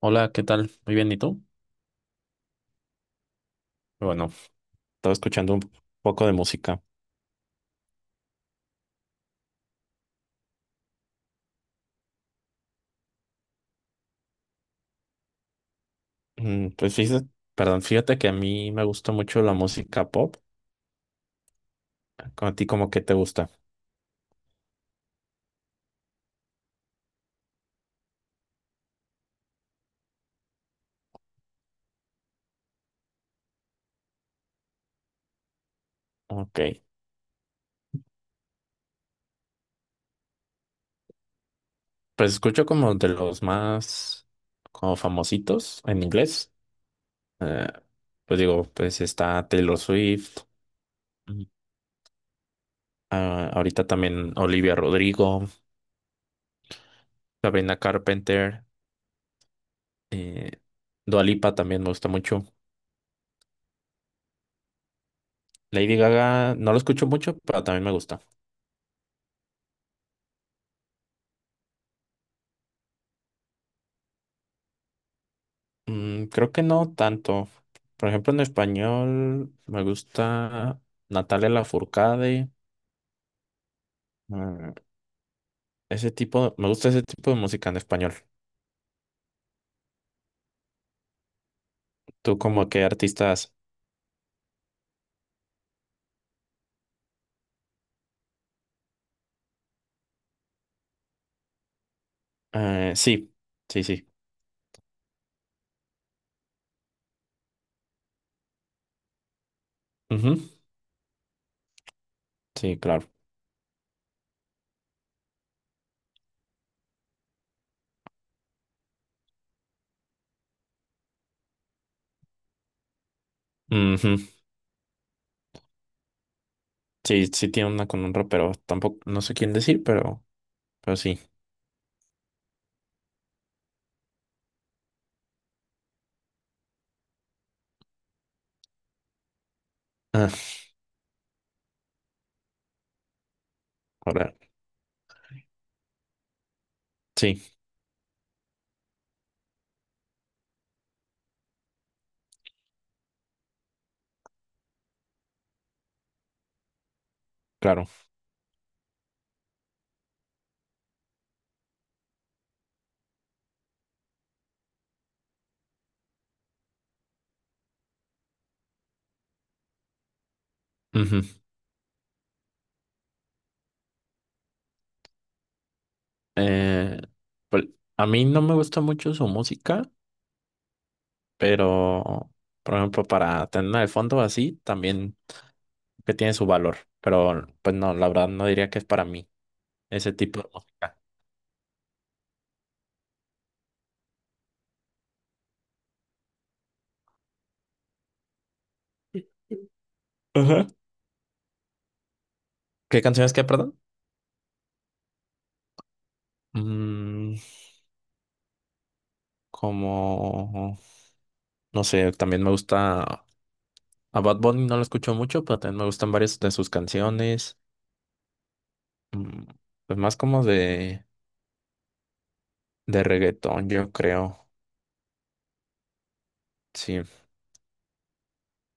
Hola, ¿qué tal? Muy bien, ¿y tú? Bueno, estaba escuchando un poco de música. Pues fíjate que a mí me gusta mucho la música pop. ¿Con a ti como que te gusta? Ok. Pues escucho como de los más como famositos en inglés. Eh, pues digo, pues está Taylor Swift. mm, ah, ahorita también Olivia Rodrigo. Sabrina Carpenter, eh, Dua Lipa también me gusta mucho. Lady Gaga no lo escucho mucho, pero también me gusta. Mm, creo que no tanto. Por ejemplo, en español me gusta Natalia Lafourcade. mm, Ese tipo, me gusta ese tipo de música en español. ¿Tú como qué artistas? Sí, sí, sí. Ujú, sí, claro. Ujú, sí, sí tiene una con un pero tampoco, no sé quién decir, pero sí. Ah, ahora, sí, claro. Ujú. Eh, pues, a mí no me gusta mucho su música, pero, por ejemplo, para tener de fondo así, también que tiene su valor. Pero, pues no, la verdad no diría que es para mí ese tipo de música. Ajá. ¿Qué canciones ? Perdón? Mm, como, no sé, también me gusta, a Bad Bunny no lo escucho mucho, pero también me gustan varias de sus canciones. Mm, pues más de reggaetón, yo creo. Sí,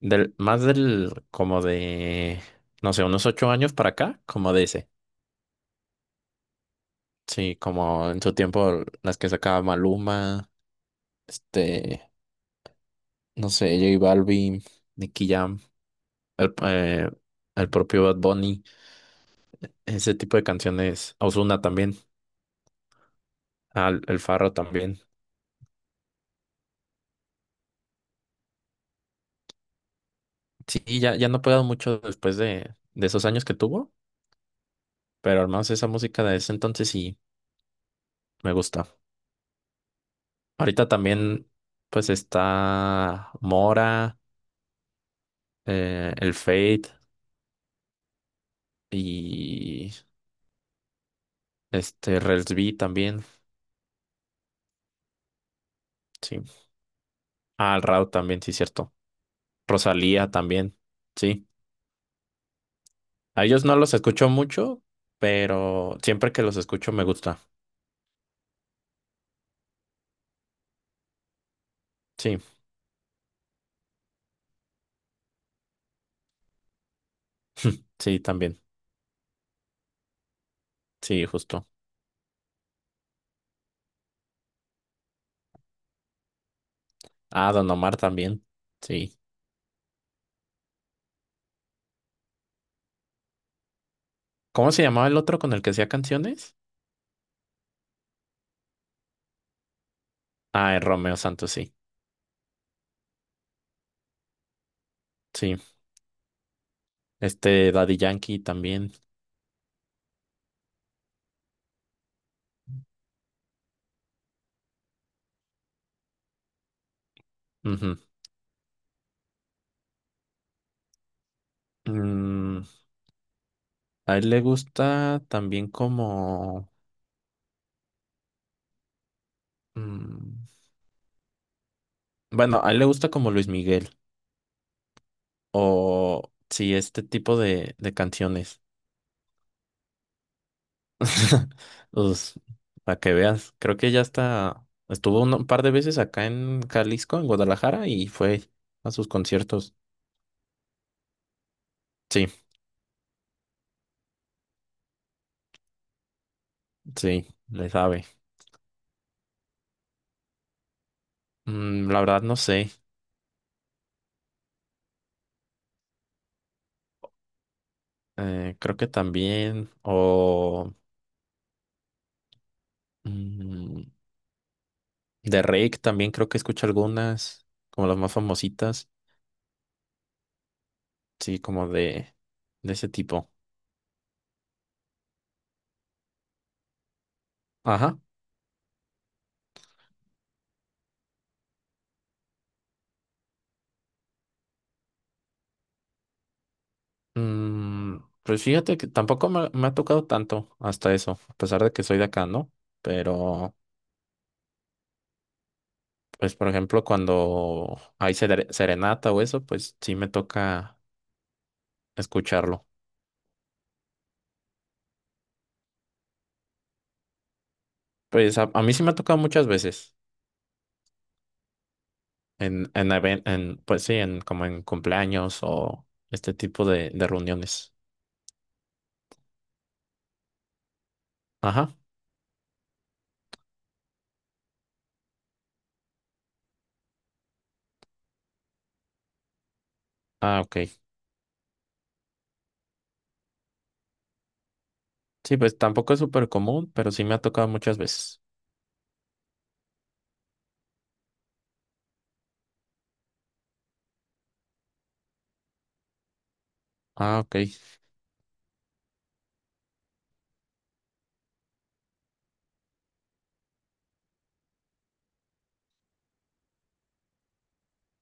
Del, más del, como de, no sé, unos ocho años para acá, como de ese. Sí, como en su tiempo las que sacaba Maluma, este, no sé, J Balvin, Nicky Jam, el, eh, el propio Bad Bunny, ese tipo de canciones. Ozuna también, el Farro también. Sí, ya, ya no he pegado mucho después de esos años que tuvo, pero al menos esa música de ese entonces sí me gusta. Ahorita también, pues está Mora. El Fade y este Rels B también, sí. Ah, el Rauw también, sí, cierto. Rosalía también, sí. A ellos no los escucho mucho, pero siempre que los escucho me gusta. Sí, sí, también. Sí, justo. Ah, Don Omar también, sí. ¿Cómo se llamaba el otro con el que hacía canciones? Ah, el Romeo Santos, sí. Sí. Este Daddy Yankee también. Ujú. Mm, a él le gusta también como... mm, Bueno, a él le gusta como Luis Miguel o sí, este tipo de canciones. Pues, para que veas, creo que ya está, estuvo un par de veces acá en Jalisco, en Guadalajara, y fue a sus conciertos. Sí, sí, le sabe. Mm, la verdad no sé, creo que también, mm, de Rake también creo que escucho algunas, como las más famositas, sí, de ese tipo. Ajá. Mm, pues fíjate que tampoco me ha tocado tanto hasta eso, a pesar de que soy de acá, ¿no? Pero, pues, por ejemplo, cuando hay serenata o eso, pues sí me toca escucharlo. Pues a mí sí me ha tocado muchas veces, pues sí, en, como en cumpleaños o este tipo de reuniones. Ajá, ah, ok. Sí, pues tampoco es súper común, pero sí me ha tocado muchas veces. Ah, ok.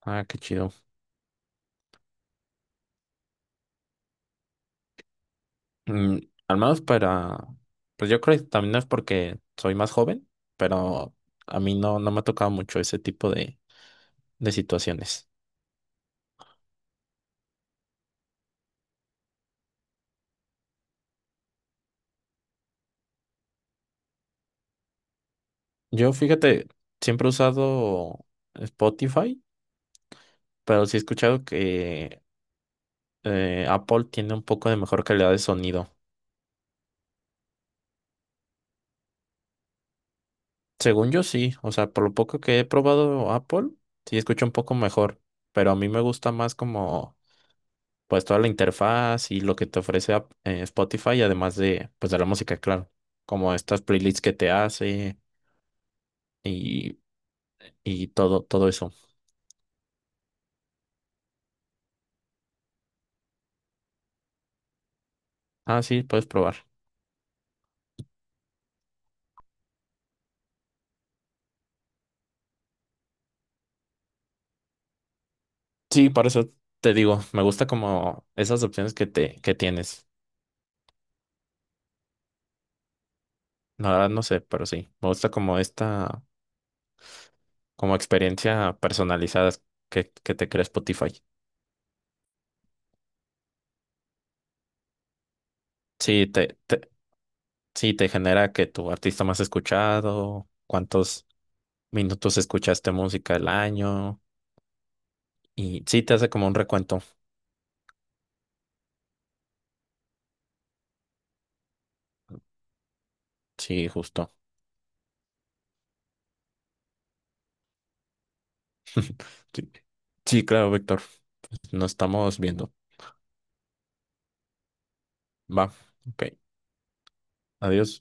Ah, qué chido. Mm, al menos para, pues yo creo que también no es porque soy más joven, pero a mí no, no me ha tocado mucho ese tipo de situaciones. Yo, fíjate, siempre he usado Spotify, pero sí he escuchado que Apple tiene un poco de mejor calidad de sonido. Según yo sí, o sea, por lo poco que he probado Apple, sí escucho un poco mejor, pero a mí me gusta más como pues toda la interfaz y lo que te ofrece Spotify, además de, pues de la música, claro, como estas playlists que te hace y, y todo, todo eso. Ah, sí, puedes probar. Sí, para eso te digo, me gusta como esas opciones que te, que tienes. La verdad no sé, pero sí, me gusta como esta, como experiencia personalizada que te crea Spotify. Sí, sí, te genera que tu artista más escuchado, cuántos minutos escuchaste música el año. Y sí, te hace como un recuento. Sí, justo. Sí, sí, claro, Víctor. Nos estamos viendo. Va. Ok. Adiós.